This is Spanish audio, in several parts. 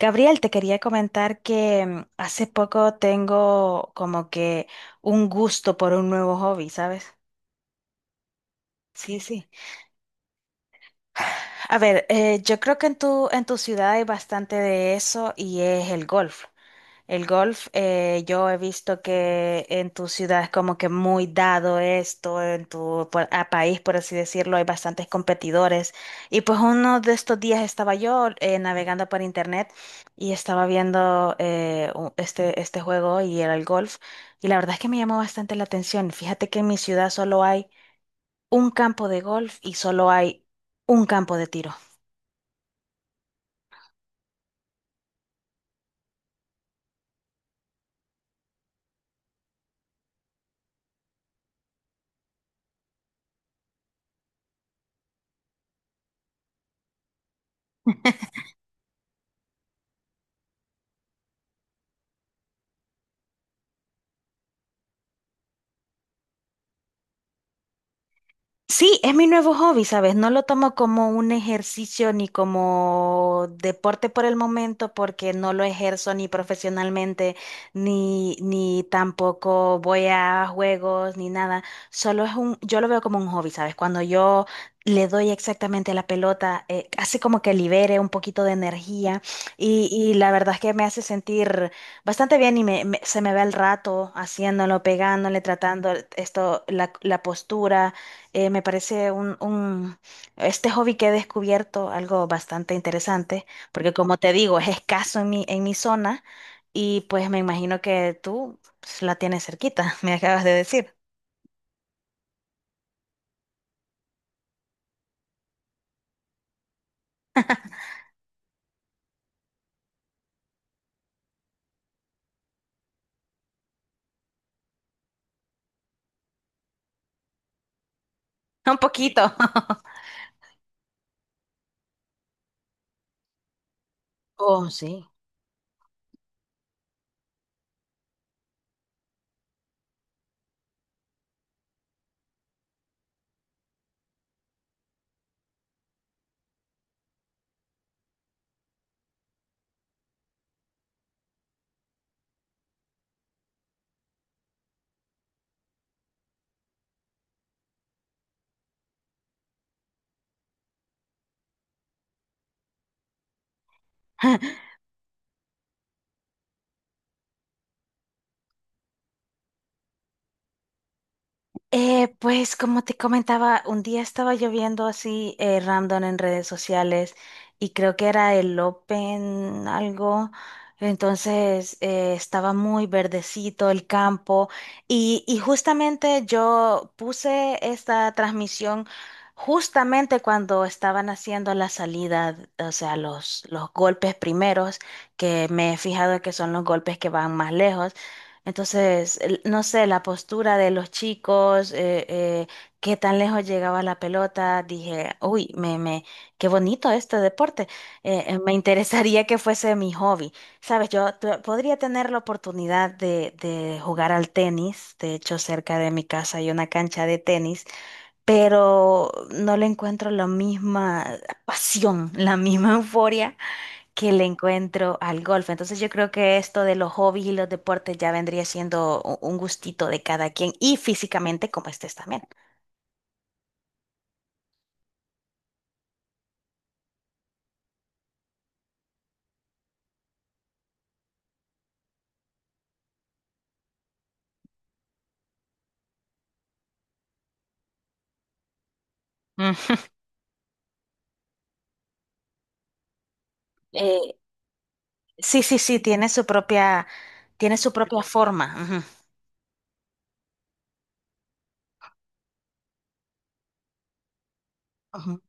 Gabriel, te quería comentar que hace poco tengo como que un gusto por un nuevo hobby, ¿sabes? Sí, sí. A ver, yo creo que en en tu ciudad hay bastante de eso y es el golf. El golf, yo he visto que en tu ciudad es como que muy dado esto, en tu por- a país, por así decirlo, hay bastantes competidores. Y pues uno de estos días estaba yo navegando por internet y estaba viendo este juego y era el golf. Y la verdad es que me llamó bastante la atención. Fíjate que en mi ciudad solo hay un campo de golf y solo hay un campo de tiro. Sí, es mi nuevo hobby, ¿sabes? No lo tomo como un ejercicio ni como deporte por el momento porque no lo ejerzo ni profesionalmente, ni tampoco voy a juegos, ni nada. Yo lo veo como un hobby, ¿sabes? Cuando yo le doy exactamente la pelota, hace como que libere un poquito de energía y la verdad es que me hace sentir bastante bien y se me ve el rato haciéndolo, pegándole, tratando esto, la postura. Me parece este hobby que he descubierto algo bastante interesante, porque como te digo, es escaso en en mi zona y pues me imagino que tú pues, la tienes cerquita, me acabas de decir. Un poquito. Oh, sí. Pues como te comentaba, un día estaba lloviendo así random en redes sociales y creo que era el Open algo, entonces estaba muy verdecito el campo y justamente yo puse esta transmisión justamente cuando estaban haciendo la salida, o sea, los golpes primeros, que me he fijado que son los golpes que van más lejos. Entonces, no sé, la postura de los chicos, qué tan lejos llegaba la pelota, dije, uy, qué bonito este deporte, me interesaría que fuese mi hobby. Sabes, yo podría tener la oportunidad de jugar al tenis, de hecho, cerca de mi casa hay una cancha de tenis, pero no le encuentro la misma pasión, la misma euforia que le encuentro al golf. Entonces yo creo que esto de los hobbies y los deportes ya vendría siendo un gustito de cada quien y físicamente como estés también. Ujú. Eh, sí, sí, sí, tiene su propia forma. Ujú, ujú.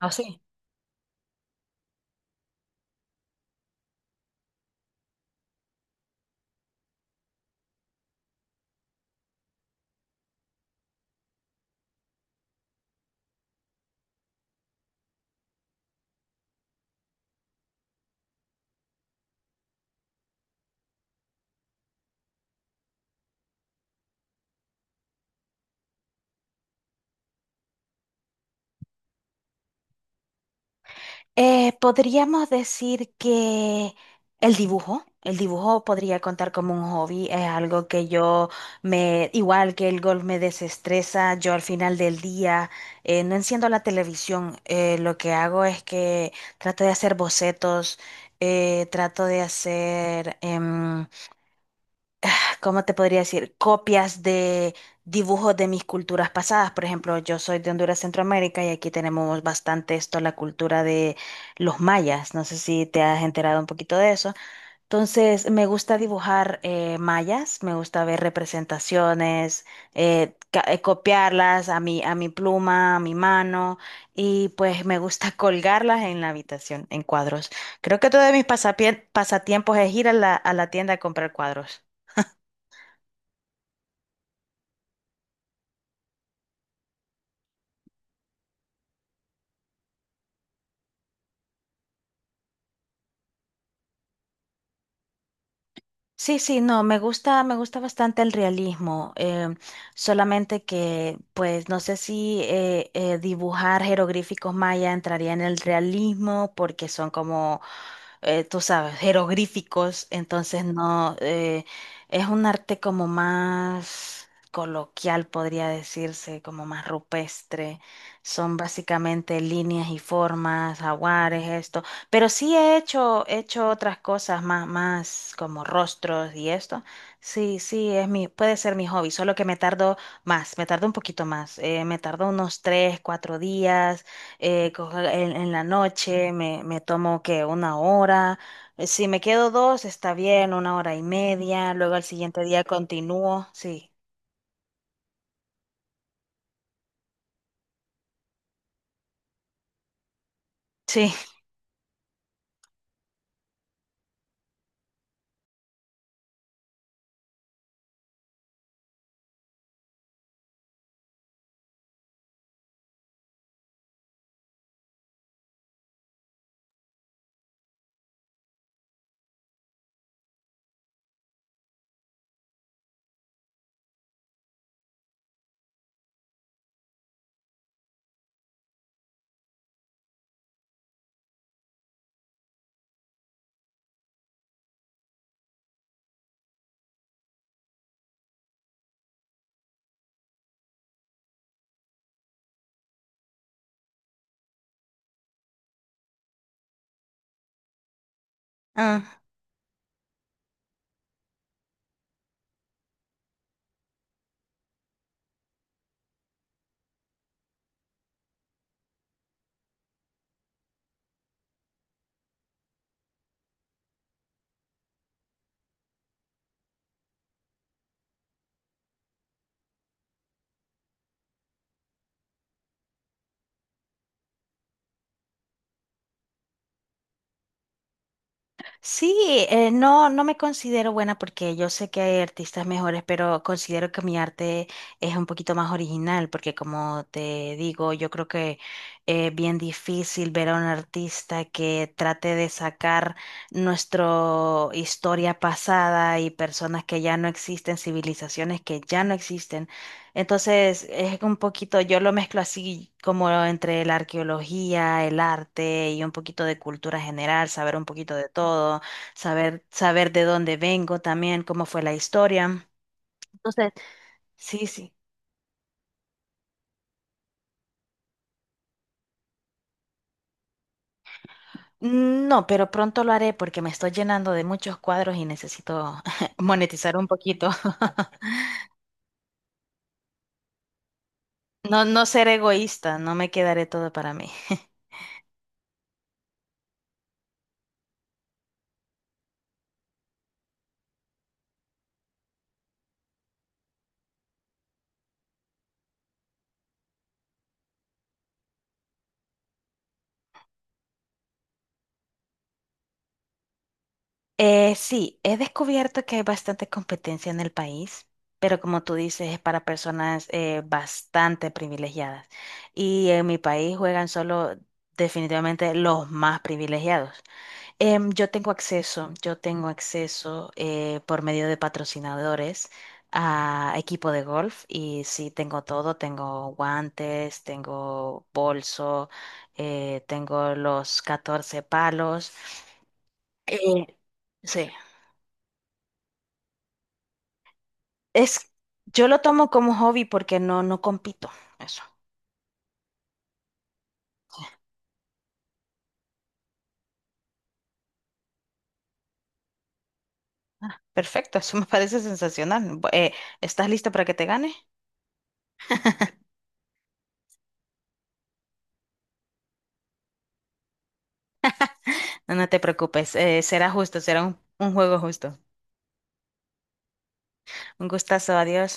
Oh, sí. Podríamos decir que el dibujo podría contar como un hobby, es algo que yo igual que el golf me desestresa, yo al final del día no enciendo la televisión, lo que hago es que trato de hacer bocetos, trato de hacer ¿cómo te podría decir? Copias de dibujos de mis culturas pasadas. Por ejemplo, yo soy de Honduras, Centroamérica, y aquí tenemos bastante esto, la cultura de los mayas. No sé si te has enterado un poquito de eso. Entonces, me gusta dibujar mayas, me gusta ver representaciones, copiarlas a a mi pluma, a mi mano, y pues me gusta colgarlas en la habitación, en cuadros. Creo que todo de mis pasatiempos es ir a a la tienda a comprar cuadros. Sí, sí, no, me gusta bastante el realismo, solamente que, pues, no sé si dibujar jeroglíficos maya entraría en el realismo porque son como tú sabes, jeroglíficos, entonces no, es un arte como más coloquial, podría decirse, como más rupestre. Son básicamente líneas y formas, jaguares, esto. Pero sí he hecho otras cosas más, más como rostros y esto. Sí, sí, es mi, puede ser mi hobby, solo que me tardo más, me tardo un poquito más, me tardo unos tres, cuatro días cojo en la noche me tomo que una hora, si me quedo dos está bien, una hora y media, luego al siguiente día continúo, sí, sí, sí, no, no me considero buena porque yo sé que hay artistas mejores, pero considero que mi arte es un poquito más original, porque como te digo, yo creo que es bien difícil ver a un artista que trate de sacar nuestra historia pasada y personas que ya no existen, civilizaciones que ya no existen. Entonces, es un poquito, yo lo mezclo así como entre la arqueología, el arte y un poquito de cultura general, saber un poquito de todo, saber de dónde vengo también, cómo fue la historia. Entonces, sí, sí. No, pero pronto lo haré porque me estoy llenando de muchos cuadros y necesito monetizar un poquito. No, no ser egoísta, no me quedaré todo para mí. Sí, he descubierto que hay bastante competencia en el país, pero como tú dices, es para personas bastante privilegiadas. Y en mi país juegan solo definitivamente los más privilegiados. Yo tengo acceso por medio de patrocinadores a equipo de golf y sí, tengo todo, tengo guantes, tengo bolso, tengo los 14 palos. Eh, sí. Es, yo lo tomo como hobby porque no, no compito. Eso. Perfecto, eso me parece sensacional. ¿Estás lista para que te gane? No, no te preocupes, será justo, será un juego justo. Un gustazo, adiós.